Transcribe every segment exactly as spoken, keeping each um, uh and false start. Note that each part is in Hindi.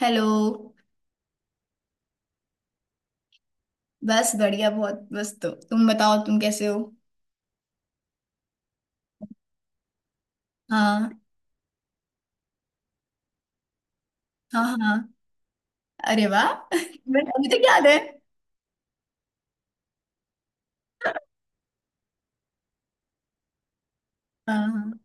हेलो। बस बढ़िया बहुत। बस तो तुम बताओ, तुम कैसे हो? हाँ हाँ हाँ, अरे वाह तुम्हें अभी तक याद है? हाँ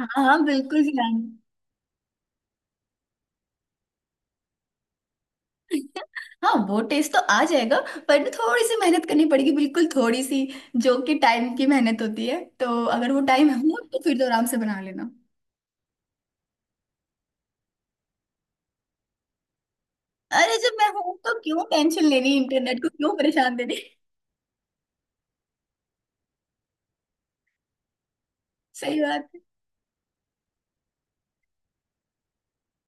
हाँ हाँ हाँ, बिल्कुल ध्यान। हाँ, वो टेस्ट तो आ जाएगा। पर ना थोड़ी सी मेहनत करनी पड़ेगी, बिल्कुल थोड़ी सी। जो कि टाइम की मेहनत होती है, तो अगर वो टाइम हो तो फिर तो आराम से बना लेना। अरे जब मैं हूं तो क्यों टेंशन लेनी, इंटरनेट को क्यों परेशान देनी सही बात है।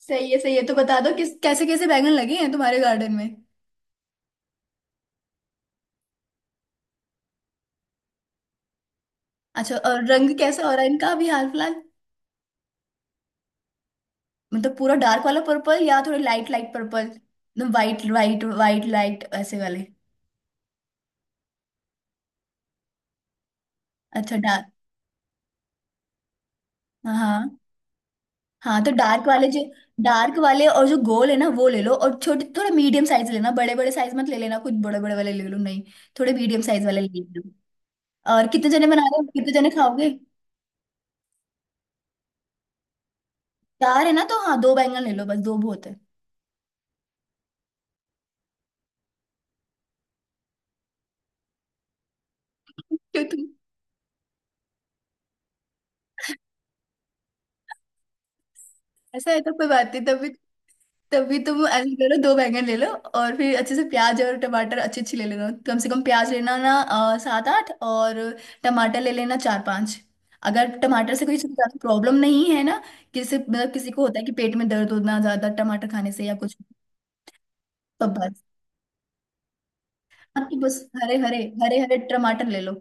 सही है सही है। तो बता दो किस कैसे कैसे बैंगन लगे हैं तुम्हारे गार्डन में? अच्छा, और रंग कैसा हो रहा है इनका अभी हाल फिलहाल? मतलब पूरा डार्क वाला पर्पल, या थोड़े लाइट लाइट पर्पल, एकदम वाइट वाइट वाइट लाइट ऐसे वाले? अच्छा, डार्क। हाँ हाँ तो डार्क वाले जो डार्क वाले और जो गोल है ना, वो ले लो। और छोटे, थोड़ा मीडियम साइज लेना, बड़े बड़े साइज मत ले लेना, कुछ बड़े बड़े वाले ले लो नहीं, थोड़े मीडियम साइज वाले ले लो। और कितने जने बना रहे हो, कितने जने खाओगे? चार है ना, तो हाँ दो बैंगन ले लो, बस दो बहुत है। क्यों? ऐसा है तो कोई बात नहीं, तभी। तभी तुम ऐसा करो, दो बैंगन ले लो। और फिर अच्छे से प्याज और टमाटर अच्छी अच्छी ले लेना। कम से कम प्याज लेना ना, अ, सात आठ। और टमाटर ले लेना, चार पांच। अगर टमाटर से कोई ज्यादा प्रॉब्लम नहीं है ना, किसी मतलब किसी को होता है कि पेट में दर्द होना ज्यादा टमाटर खाने से या कुछ। तो बस। हाँ तो बस। हरे हरे, हरे हरे टमाटर ले लो,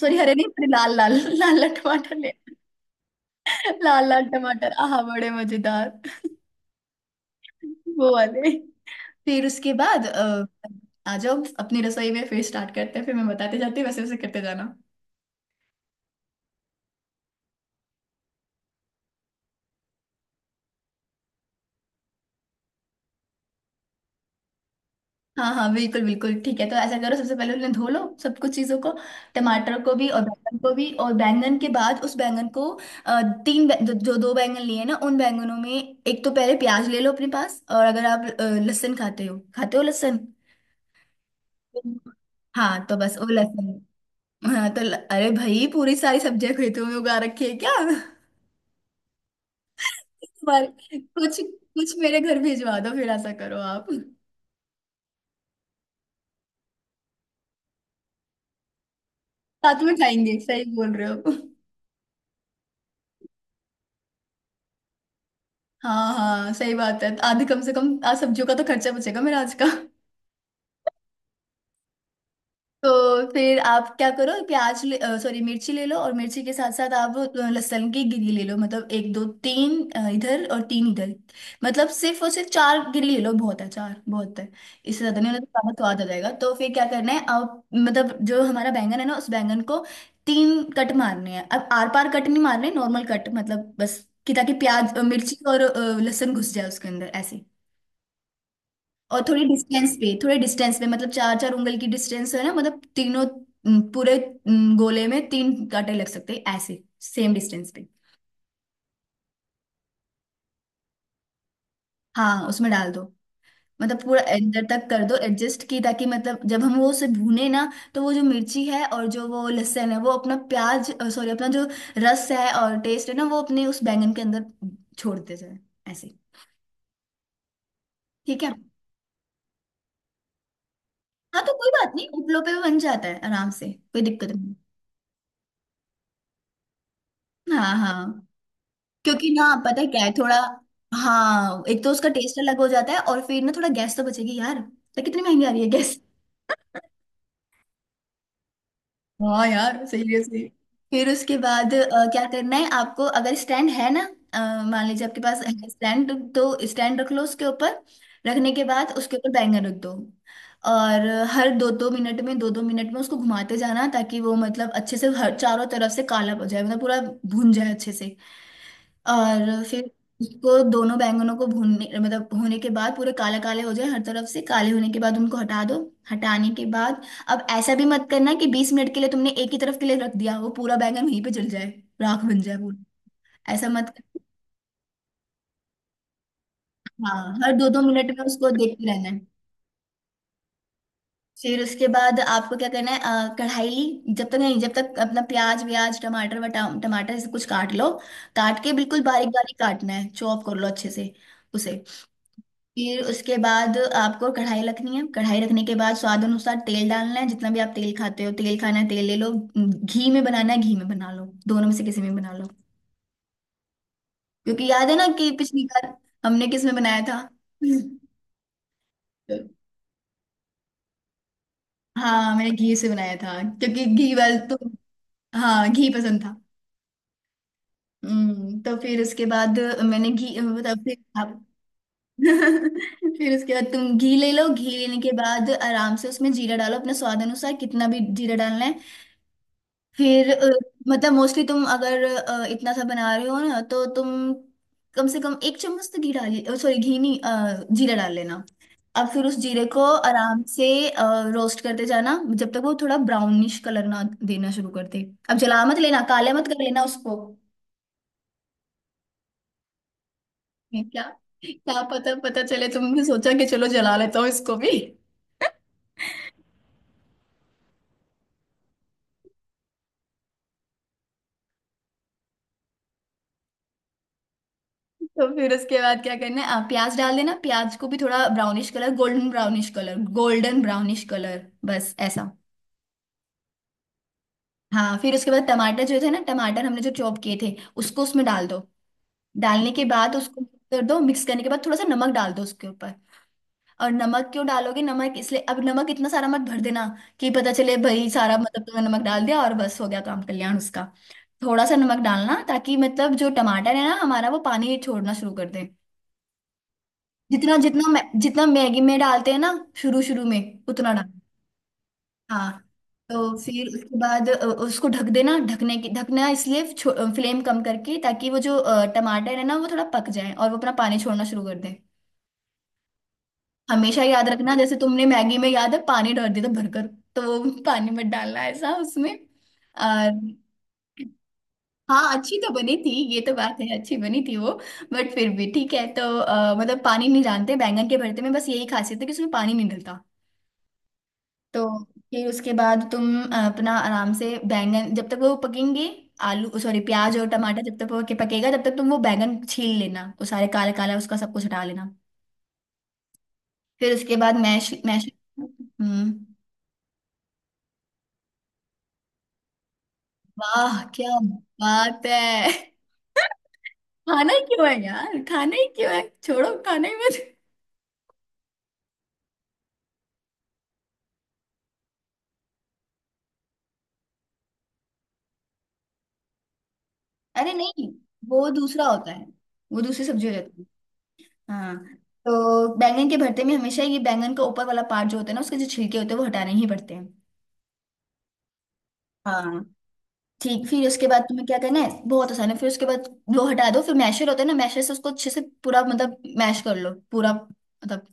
सॉरी हरे नहीं, हरे लाल लाल लाल लाल टमाटर ले। लाल लाल टमाटर, आहा, बड़े मजेदार। वो वाले। फिर उसके बाद, अ, आ जाओ अपनी रसोई में, फिर स्टार्ट करते हैं, फिर मैं बताते जाती हूँ, वैसे वैसे करते जाना। हाँ हाँ बिल्कुल बिल्कुल, ठीक है। तो ऐसा करो, सबसे पहले उन्हें धो लो, सब कुछ चीज़ों को। टमाटर को भी और बैंगन को भी। और बैंगन के बाद उस बैंगन को, अ, तीन बै- जो, जो दो बैंगन लिए ना, उन बैंगनों में एक तो पहले प्याज ले लो अपने पास। और अगर आप अ, लहसुन खाते हो, खाते हो लहसुन? हाँ तो बस वो लहसुन। हाँ तो ल- अरे भाई, पूरी सारी सब्जियां खेतों में उगा रखी है क्या तुम्हारे? कुछ कुछ मेरे घर भिजवा दो। फिर ऐसा करो आप, साथ में खाएंगे, सही बोल रहे हो। हाँ हाँ सही बात है, आधे कम से कम आज सब्जियों का तो खर्चा बचेगा मेरा आज का। तो फिर आप क्या करो, प्याज ले, सॉरी मिर्ची ले लो, और मिर्ची के साथ साथ आप अ, लहसुन की गिरी ले लो। मतलब एक दो तीन, अ, इधर और तीन इधर। मतलब सिर्फ और सिर्फ चार गिरी ले लो, बहुत है, चार बहुत है। इससे ज्यादा नहीं होता तो खाना स्वाद आ जाएगा। तो फिर क्या करना है आप, मतलब जो हमारा बैंगन है ना, उस बैंगन को तीन कट मारने हैं। अब आर पार कट नहीं मारने, नॉर्मल कट, मतलब बस कि ताकि प्याज, अ, मिर्ची और अ, लहसुन घुस जाए उसके अंदर, ऐसे। और थोड़ी डिस्टेंस पे, थोड़े डिस्टेंस पे, मतलब चार चार उंगल की डिस्टेंस है ना। मतलब तीनों, अम, पूरे, अम, गोले में तीन कांटे लग सकते हैं ऐसे, सेम डिस्टेंस पे। हाँ उसमें डाल दो, मतलब पूरा अंदर तक कर दो एडजस्ट की, ताकि मतलब जब हम वो उसे भूने ना, तो वो जो मिर्ची है और जो वो लहसुन है, वो अपना प्याज, सॉरी अपना जो रस है और टेस्ट है ना, वो अपने उस बैंगन के अंदर छोड़ते जाए, ऐसे। ठीक है। हाँ तो कोई बात नहीं, उपलो पे भी बन जाता है आराम से, कोई दिक्कत नहीं। हाँ हाँ। क्योंकि ना, पता है क्या है थोड़ा, हाँ, एक तो उसका टेस्ट अलग हो जाता है, और फिर ना थोड़ा गैस तो बचेगी यार। तो कितनी महंगी आ रही है गैस? हाँ यार, सीरियसली। फिर उसके बाद, अ, क्या करना है आपको, अगर स्टैंड है ना, अ, मान लीजिए आपके पास है स्टैंड, तो स्टैंड रख लो उसके ऊपर। रखने के बाद उसके ऊपर बैंगन रख दो। और हर दो दो मिनट में, दो दो मिनट में उसको घुमाते जाना, ताकि वो मतलब अच्छे से हर चारों तरफ से काला हो जाए, मतलब पूरा भुन जाए अच्छे से। और फिर उसको, दोनों बैंगनों को भूनने मतलब होने के बाद, पूरे काले काले हो जाए, हर तरफ से काले होने के बाद उनको हटा दो। हटाने के बाद, अब ऐसा भी मत करना कि बीस मिनट के लिए तुमने एक ही तरफ के लिए रख दिया, वो पूरा बैंगन वहीं पे जल जाए, राख बन जाए वो। ऐसा मत करना। हाँ, हर दो दो मिनट में उसको देखते रहना है। फिर उसके बाद आपको क्या करना है, अ, कढ़ाई जब तक नहीं, जब तक अपना प्याज व्याज, टमाटर वटा, टमाटर से कुछ काट लो। काट के बिल्कुल बारीक बारीक काटना है, चॉप कर लो अच्छे से उसे। फिर उसके बाद आपको कढ़ाई रखनी है। कढ़ाई रखने के बाद स्वाद अनुसार तेल डालना है, जितना भी आप तेल खाते हो, तेल खाना है तेल ले लो, घी में बनाना है घी में बना लो, दोनों में से किसी में बना लो। क्योंकि याद है ना कि पिछली बार हमने किस में बनाया था? हाँ, मैंने घी से बनाया था, क्योंकि घी वाल तो, हाँ घी पसंद था। हम्म तो फिर उसके बाद मैंने घी मतलब, फिर आप फिर उसके बाद तुम घी ले लो। घी लेने के बाद आराम से उसमें जीरा डालो अपने स्वाद अनुसार, कितना भी जीरा डालना है। फिर अ, मतलब मोस्टली तुम अगर अ, इतना सा बना रहे हो ना, तो तुम कम से कम एक चम्मच तो घी डाली, सॉरी घी नहीं, अ, जीरा डाल लेना। अब फिर उस जीरे को आराम से रोस्ट करते जाना, जब तक वो थोड़ा ब्राउनिश कलर ना देना शुरू कर दे। अब जला मत लेना, काले मत कर लेना उसको। ये क्या, क्या पता पता चले तुमने सोचा कि चलो जला लेता हूँ इसको भी। तो फिर उसके बाद क्या करना है, आप प्याज डाल देना। प्याज को भी थोड़ा brownish colour, golden brownish colour, golden brownish colour बस, ऐसा। हाँ फिर उसके बाद टमाटर जो थे ना, टमाटर हमने जो चॉप किए थे, उसको उसमें डाल दो। डालने के बाद उसको मिक्स कर दो, मिक्स करने के बाद थोड़ा सा नमक डाल दो उसके ऊपर। और नमक क्यों डालोगे, नमक इसलिए, अब नमक इतना सारा मत भर देना कि पता चले भाई सारा, मतलब तुमने नमक डाल दिया और बस हो गया काम कल्याण उसका। थोड़ा सा नमक डालना, ताकि मतलब जो टमाटर है ना हमारा, वो पानी छोड़ना शुरू कर दे। जितना जितना मै- जितना मैगी में डालते हैं ना शुरू शुरू में, उतना डाल। हाँ। तो फिर उसके बाद अ, उसको ढक देना। ढकने की, ढकना इसलिए फ्लेम कम करके, ताकि वो जो अ, टमाटर है ना, वो थोड़ा पक जाए और वो अपना पानी छोड़ना शुरू कर दे। हमेशा याद रखना, जैसे तुमने मैगी में, याद है, पानी डाल दिया था भरकर। तो वो पानी मत डालना ऐसा उसमें। और हाँ, अच्छी तो बनी थी, ये तो बात है, अच्छी बनी थी वो। बट फिर भी ठीक है। तो अ, मतलब पानी नहीं, जानते बैंगन के भरते में बस यही खासियत है कि उसमें पानी नहीं डलता। तो फिर उसके बाद तुम अ, अपना आराम से बैंगन जब तक वो पकेंगे, आलू सॉरी प्याज और टमाटर जब तक वो के पकेगा, तब तक तुम वो बैंगन छील लेना, वो सारे काला काला उसका सब कुछ हटा लेना। फिर उसके बाद मैश मैश। हम्म। वाह क्या बात है खाना ही क्यों है यार, खाना ही क्यों है, छोड़ो खाना ही मत। अरे नहीं, वो दूसरा होता है, वो दूसरी सब्जी हो जाती है। हाँ, तो बैंगन के भरते में हमेशा ये बैंगन का ऊपर वाला पार्ट जो होता है ना, उसके जो छिलके होते हैं वो हटाने ही पड़ते हैं। हाँ ठीक। फिर उसके बाद तुम्हें क्या करना है, बहुत आसान है। फिर उसके बाद वो हटा दो, फिर मैशर होता है ना, मैशर से उसको अच्छे से पूरा मतलब मैश कर लो, पूरा मतलब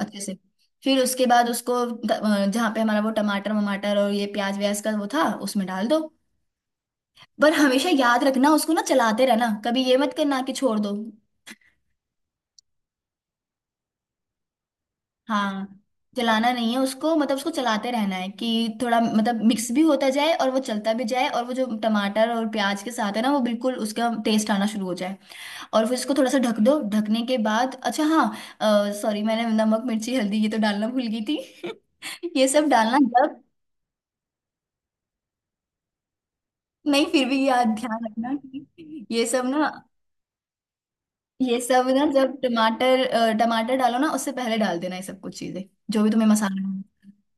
अच्छे से। फिर उसके बाद उसको ट- अ, जहाँ पे हमारा वो टमाटर वमाटर और ये प्याज व्याज का वो था, उसमें डाल दो। पर हमेशा याद रखना उसको ना चलाते रहना, कभी ये मत करना कि छोड़ दो। हाँ, चलाना नहीं है उसको, मतलब उसको चलाते रहना है, कि थोड़ा मतलब मिक्स भी होता जाए और वो चलता भी जाए, और वो जो टमाटर और प्याज के साथ है ना, वो बिल्कुल उसका टेस्ट आना शुरू हो जाए। और फिर इसको थोड़ा सा ढक दो। ढकने के बाद, अच्छा हाँ सॉरी, मैंने नमक मिर्ची हल्दी ये तो डालना भूल गई थी ये सब डालना जब, नहीं फिर भी याद ध्यान रखना कि ये सब ना, ये सब ना जब टमाटर, अ, टमाटर डालो ना उससे पहले डाल देना, ये सब कुछ चीजें, जो भी तुम्हें मसाला डालना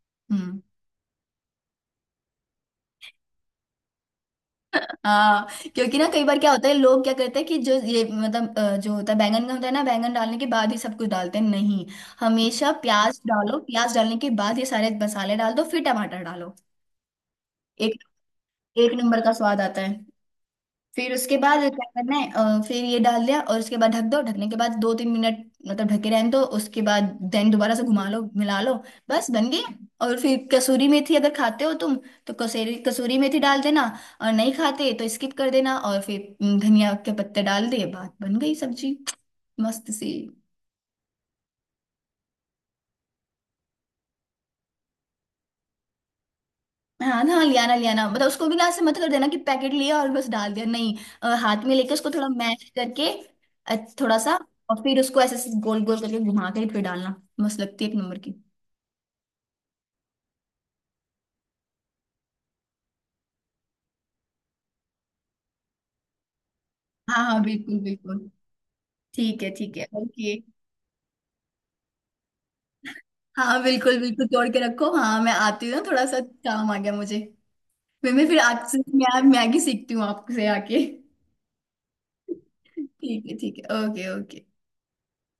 है। हम्म। हाँ क्योंकि ना कई बार क्या होता है, लोग क्या करते हैं कि जो ये मतलब, अ, जो होता है बैंगन का, होता है ना, बैंगन डालने के बाद ही सब कुछ डालते हैं, नहीं। हमेशा प्याज डालो, प्याज डालने के बाद ये सारे मसाले डाल दो, फिर टमाटर डालो। एक एक नंबर का स्वाद आता है। फिर उसके बाद क्या करना है, अ, फिर ये डाल दिया और उसके बाद ढक दो। ढकने के बाद दो तीन मिनट, मतलब ढके रहने दो। उसके बाद देन दोबारा से घुमा लो, मिला लो, बस बन गई। और फिर कसूरी मेथी अगर खाते हो तुम, तो कसूरी कसूरी मेथी डाल देना, और नहीं खाते तो स्किप कर देना। और फिर हम्म, धनिया के पत्ते डाल दिए, बात बन गई सब्जी मस्त सी। हाँ ना, लियाना लियाना मतलब उसको भी ना ऐसे मत कर देना कि पैकेट लिया और बस डाल दिया, नहीं। अ, हाथ में लेके उसको थोड़ा मैश करके, अ, थोड़ा सा, और फिर उसको ऐसे ऐसे गोल गोल करके घुमा के फिर डालना। मस्त लगती है एक नंबर की। हाँ हाँ बिल्कुल बिल्कुल, ठीक है ठीक है, ओके। हाँ बिल्कुल बिल्कुल तोड़ के रखो, हाँ मैं आती हूँ ना थोड़ा सा। काम आ गया मुझे। फिर मैं, फिर आपसे मैं मैगी सीखती हूँ आपसे आके ठीक है ठीक है, ओके ओके।